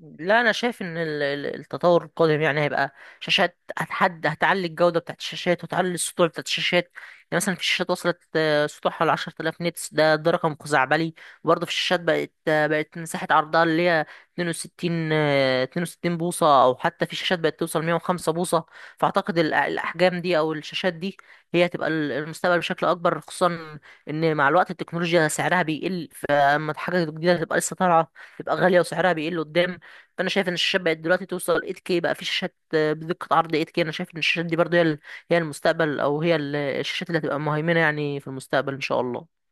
لا، انا شايف ان التطور القادم يعني هيبقى شاشات هتعلي الجوده بتاعت الشاشات وتعلي السطوع بتاعت الشاشات. يعني مثلا في شاشات وصلت، سطوعها حوالي 10,000 نيتس. ده رقم خزعبلي. وبرضه في الشاشات بقت مساحه عرضها اللي هي 62 بوصه، او حتى في شاشات بقت توصل 105 بوصه. فاعتقد الاحجام دي او الشاشات دي هي هتبقى المستقبل بشكل اكبر، خصوصا ان مع الوقت التكنولوجيا سعرها بيقل، فاما حاجه جديده تبقى لسه طالعه تبقى غالية وسعرها بيقل قدام. فانا شايف ان الشاشات بقت دلوقتي توصل 8K، بقى في شاشات بدقه عرض 8K. انا شايف ان الشاشات دي برضه هي المستقبل، او هي الشاشات اللي هتبقى مهيمنه يعني في المستقبل ان شاء الله.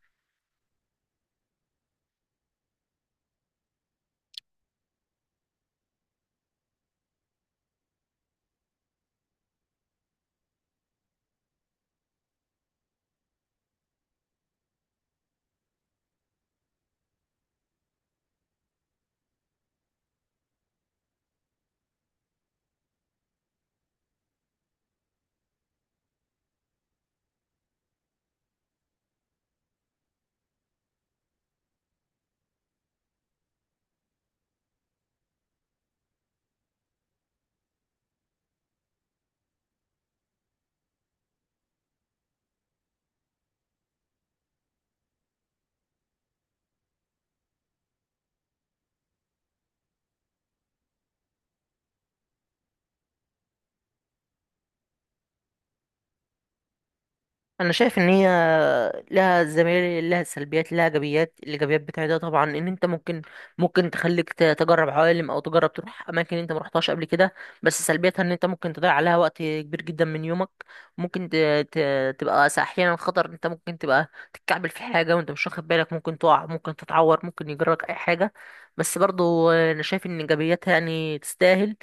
انا شايف ان هي لها زميل، لها سلبيات لها ايجابيات. الايجابيات بتاعتها طبعا ان انت ممكن، تخليك تجرب عوالم او تجرب تروح اماكن انت ما رحتهاش قبل كده. بس سلبيتها ان انت ممكن تضيع عليها وقت كبير جدا من يومك. ممكن ت... تبقى احيانا خطر. انت ممكن تبقى تتكعبل في حاجه وانت مش واخد بالك، ممكن تقع، ممكن تتعور، ممكن يجرك اي حاجه. بس برضو انا شايف ان ايجابياتها يعني تستاهل،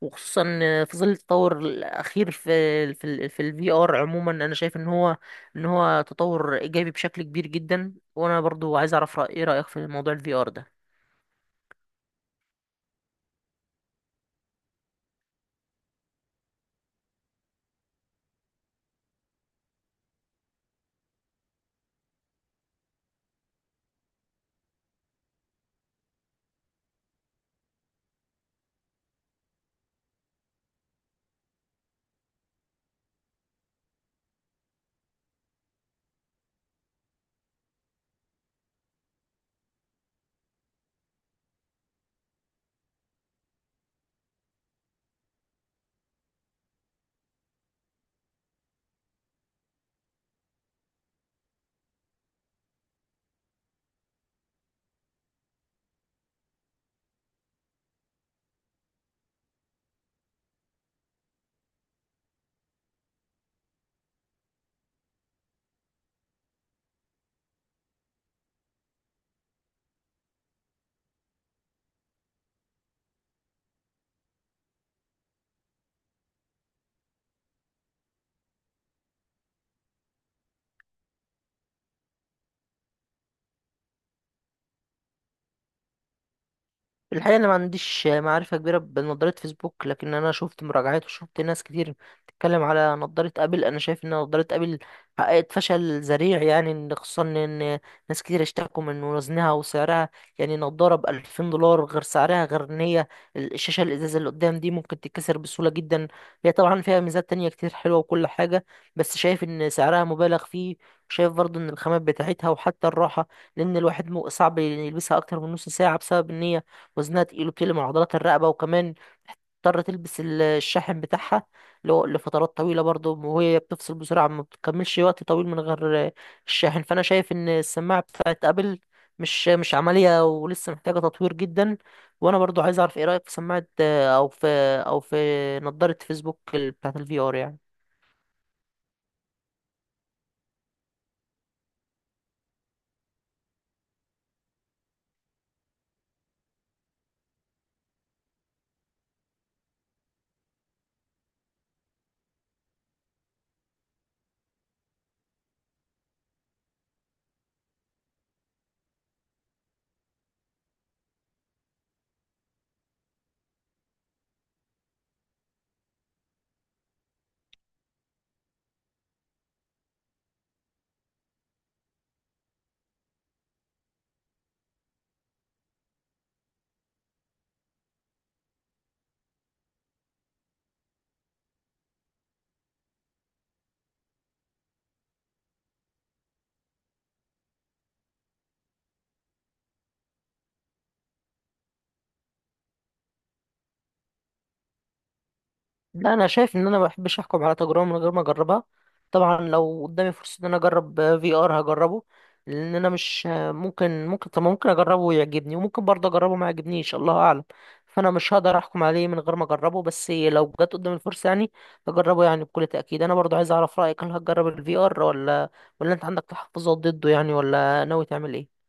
وخصوصا في ظل التطور الاخير في الفي ار عموما. انا شايف ان هو، تطور ايجابي بشكل كبير جدا. وانا برضو عايز اعرف ايه رأيك في موضوع الفي ار ده؟ الحقيقة أنا ما عنديش معرفة كبيرة بنظارة فيسبوك، لكن أنا شفت مراجعات وشفت ناس كتير بتتكلم على نظارة أبل. أنا شايف إن نظارة أبل حققت فشل ذريع، يعني خصوصا إن ناس كتير اشتكوا من وزنها وسعرها. يعني نظارة بألفين دولار، غير سعرها غير إن هي الشاشة الإزاز اللي قدام دي ممكن تتكسر بسهولة جدا. هي طبعا فيها ميزات تانية كتير حلوة وكل حاجة، بس شايف إن سعرها مبالغ فيه. شايف برضه إن الخامات بتاعتها وحتى الراحة، لأن الواحد صعب يلبسها أكتر من نص ساعة بسبب إن هي وزنها تقيل وبتقلم عضلات الرقبة، وكمان تضطر تلبس الشاحن بتاعها لفترات طويلة برضو، وهي بتفصل بسرعة ما بتكملش وقت طويل من غير الشاحن. فأنا شايف إن السماعة بتاعت أبل مش عملية ولسه محتاجة تطوير جدا. وأنا برضو عايز أعرف إيه رأيك في سماعة، أو في أو في نظارة فيسبوك بتاعت الفي آر يعني؟ لا، انا شايف ان انا ما بحبش احكم على تجربه من غير ما اجربها. طبعا لو قدامي فرصه ان انا اجرب في ار، هجربه. لان انا مش، ممكن طب ممكن اجربه ويعجبني، وممكن برضه اجربه ما يعجبنيش، الله اعلم. فانا مش هقدر احكم عليه من غير ما اجربه، بس لو جت قدامي الفرصه يعني اجربه، يعني بكل تاكيد. انا برضه عايز اعرف رايك، هل هتجرب الفي ار، ولا انت عندك تحفظات ضده يعني، ولا ناوي تعمل ايه؟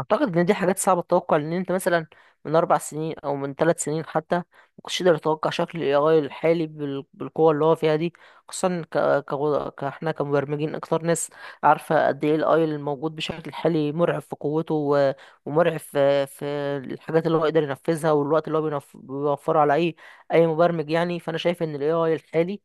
اعتقد ان دي حاجات صعبه تتوقع، لان انت مثلا من 4 سنين او من 3 سنين حتى ما كنتش تقدر تتوقع شكل الاي اي الحالي بالقوه اللي هو فيها دي. خصوصا كاحنا كمبرمجين اكتر ناس عارفه قد ايه الاي الموجود بشكل حالي، مرعب في قوته، و... ومرعب في الحاجات اللي هو يقدر ينفذها والوقت اللي هو بيوفره على اي مبرمج يعني. فانا شايف ان الاي اي الحالي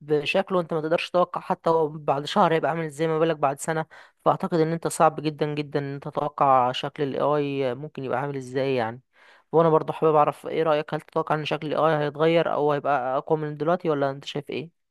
بشكله انت ما تقدرش تتوقع حتى هو بعد شهر هيبقى عامل ازاي، ما بالك بعد سنة. فاعتقد ان انت صعب جدا جدا ان انت تتوقع شكل الاي اي ممكن يبقى عامل ازاي يعني. وانا برضه حابب اعرف ايه رأيك، هل تتوقع ان شكل الاي اي هيتغير او هيبقى اقوى من دلوقتي، ولا انت شايف ايه؟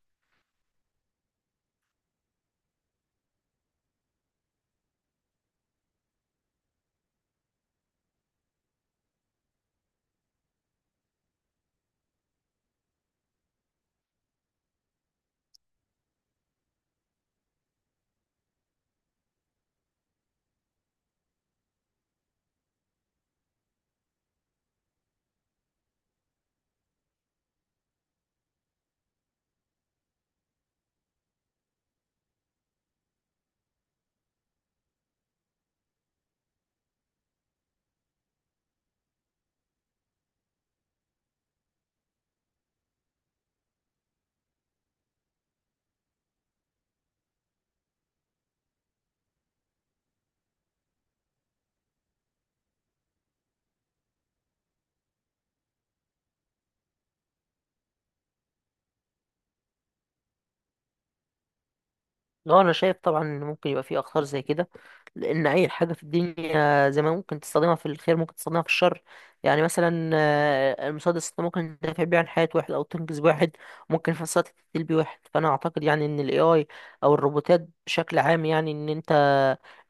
اه، انا شايف طبعا ان ممكن يبقى في اخطار زي كده، لان اي حاجه في الدنيا زي ما ممكن تستخدمها في الخير ممكن تستخدمها في الشر. يعني مثلا، المسدس ده ممكن تدافع بيه عن حياه واحد او تنقذ واحد، ممكن في نفس الوقت تقتل بيه واحد. فانا اعتقد يعني ان الاي اي او الروبوتات بشكل عام، يعني ان انت،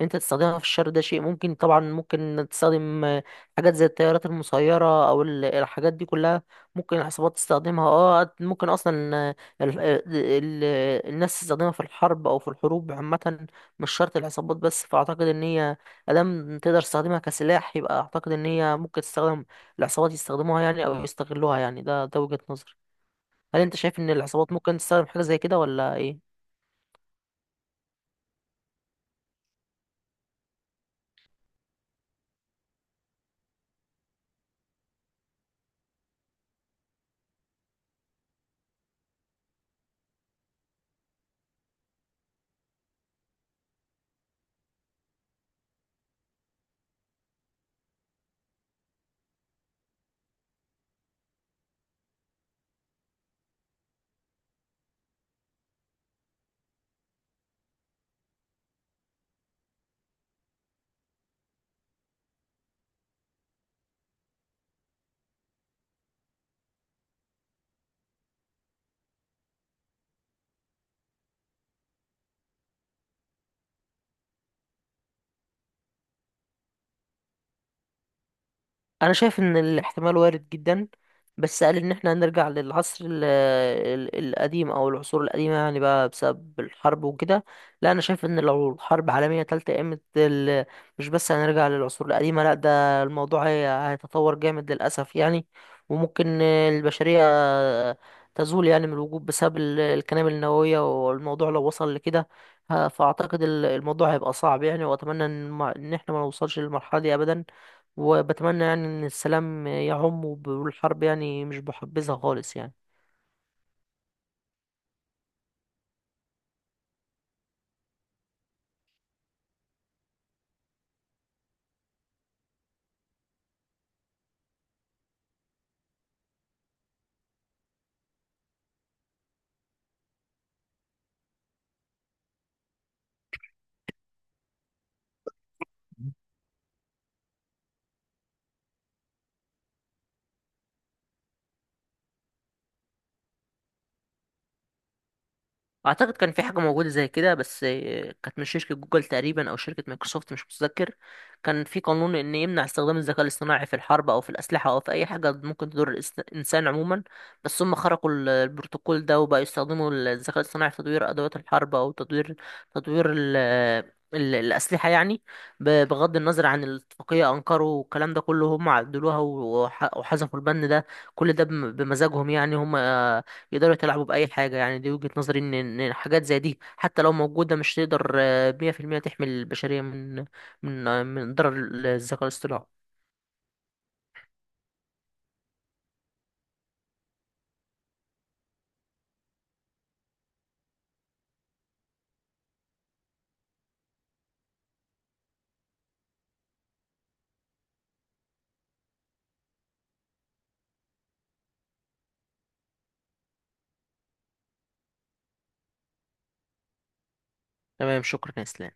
تستخدمها في الشر ده شيء ممكن طبعا. ممكن تستخدم حاجات زي الطيارات المسيره او الحاجات دي كلها، ممكن العصابات تستخدمها. اه، ممكن اصلا ال ال الناس تستخدمها في الحرب او في الحروب عامه، مش شرط العصابات بس. فاعتقد ان هي ادام تقدر تستخدمها كسلاح، يبقى اعتقد ان هي ممكن تستخدم، العصابات يستخدموها يعني او يستغلوها يعني. ده وجهة نظري. هل انت شايف ان العصابات ممكن تستخدم حاجه زي كده ولا ايه؟ انا شايف ان الاحتمال وارد جدا. بس قال ان احنا هنرجع للعصر القديم او العصور القديمه يعني بقى بسبب الحرب وكده. لا، انا شايف ان لو الحرب عالميه تالتة قامت، مش بس هنرجع للعصور القديمه، لا ده الموضوع هيتطور جامد للاسف يعني. وممكن البشريه تزول يعني من الوجود بسبب القنابل النوويه، والموضوع لو وصل لكده، فاعتقد الموضوع هيبقى صعب يعني. واتمنى ان، إن احنا ما نوصلش للمرحله دي ابدا. وبتمنى يعني ان السلام يعم، والحرب يعني مش بحبذها خالص يعني. اعتقد كان في حاجه موجوده زي كده، بس كانت من شركه جوجل تقريبا او شركه مايكروسوفت، مش متذكر. كان في قانون ان يمنع استخدام الذكاء الاصطناعي في الحرب او في الاسلحه او في اي حاجه ممكن تضر الانسان عموما. بس هم خرقوا البروتوكول ده وبقوا يستخدموا الذكاء الاصطناعي في تطوير ادوات الحرب، او تطوير، تطوير ال الأسلحة يعني. بغض النظر عن الاتفاقية، أنكروا والكلام ده كله، هم عدلوها وحذفوا البند ده. كل ده بمزاجهم يعني، هم يقدروا يتلاعبوا بأي حاجة يعني. دي وجهة نظري، إن حاجات زي دي حتى لو موجودة مش تقدر، 100% تحمي البشرية من، من ضرر الذكاء الاصطناعي. تمام، شكرا يا إسلام.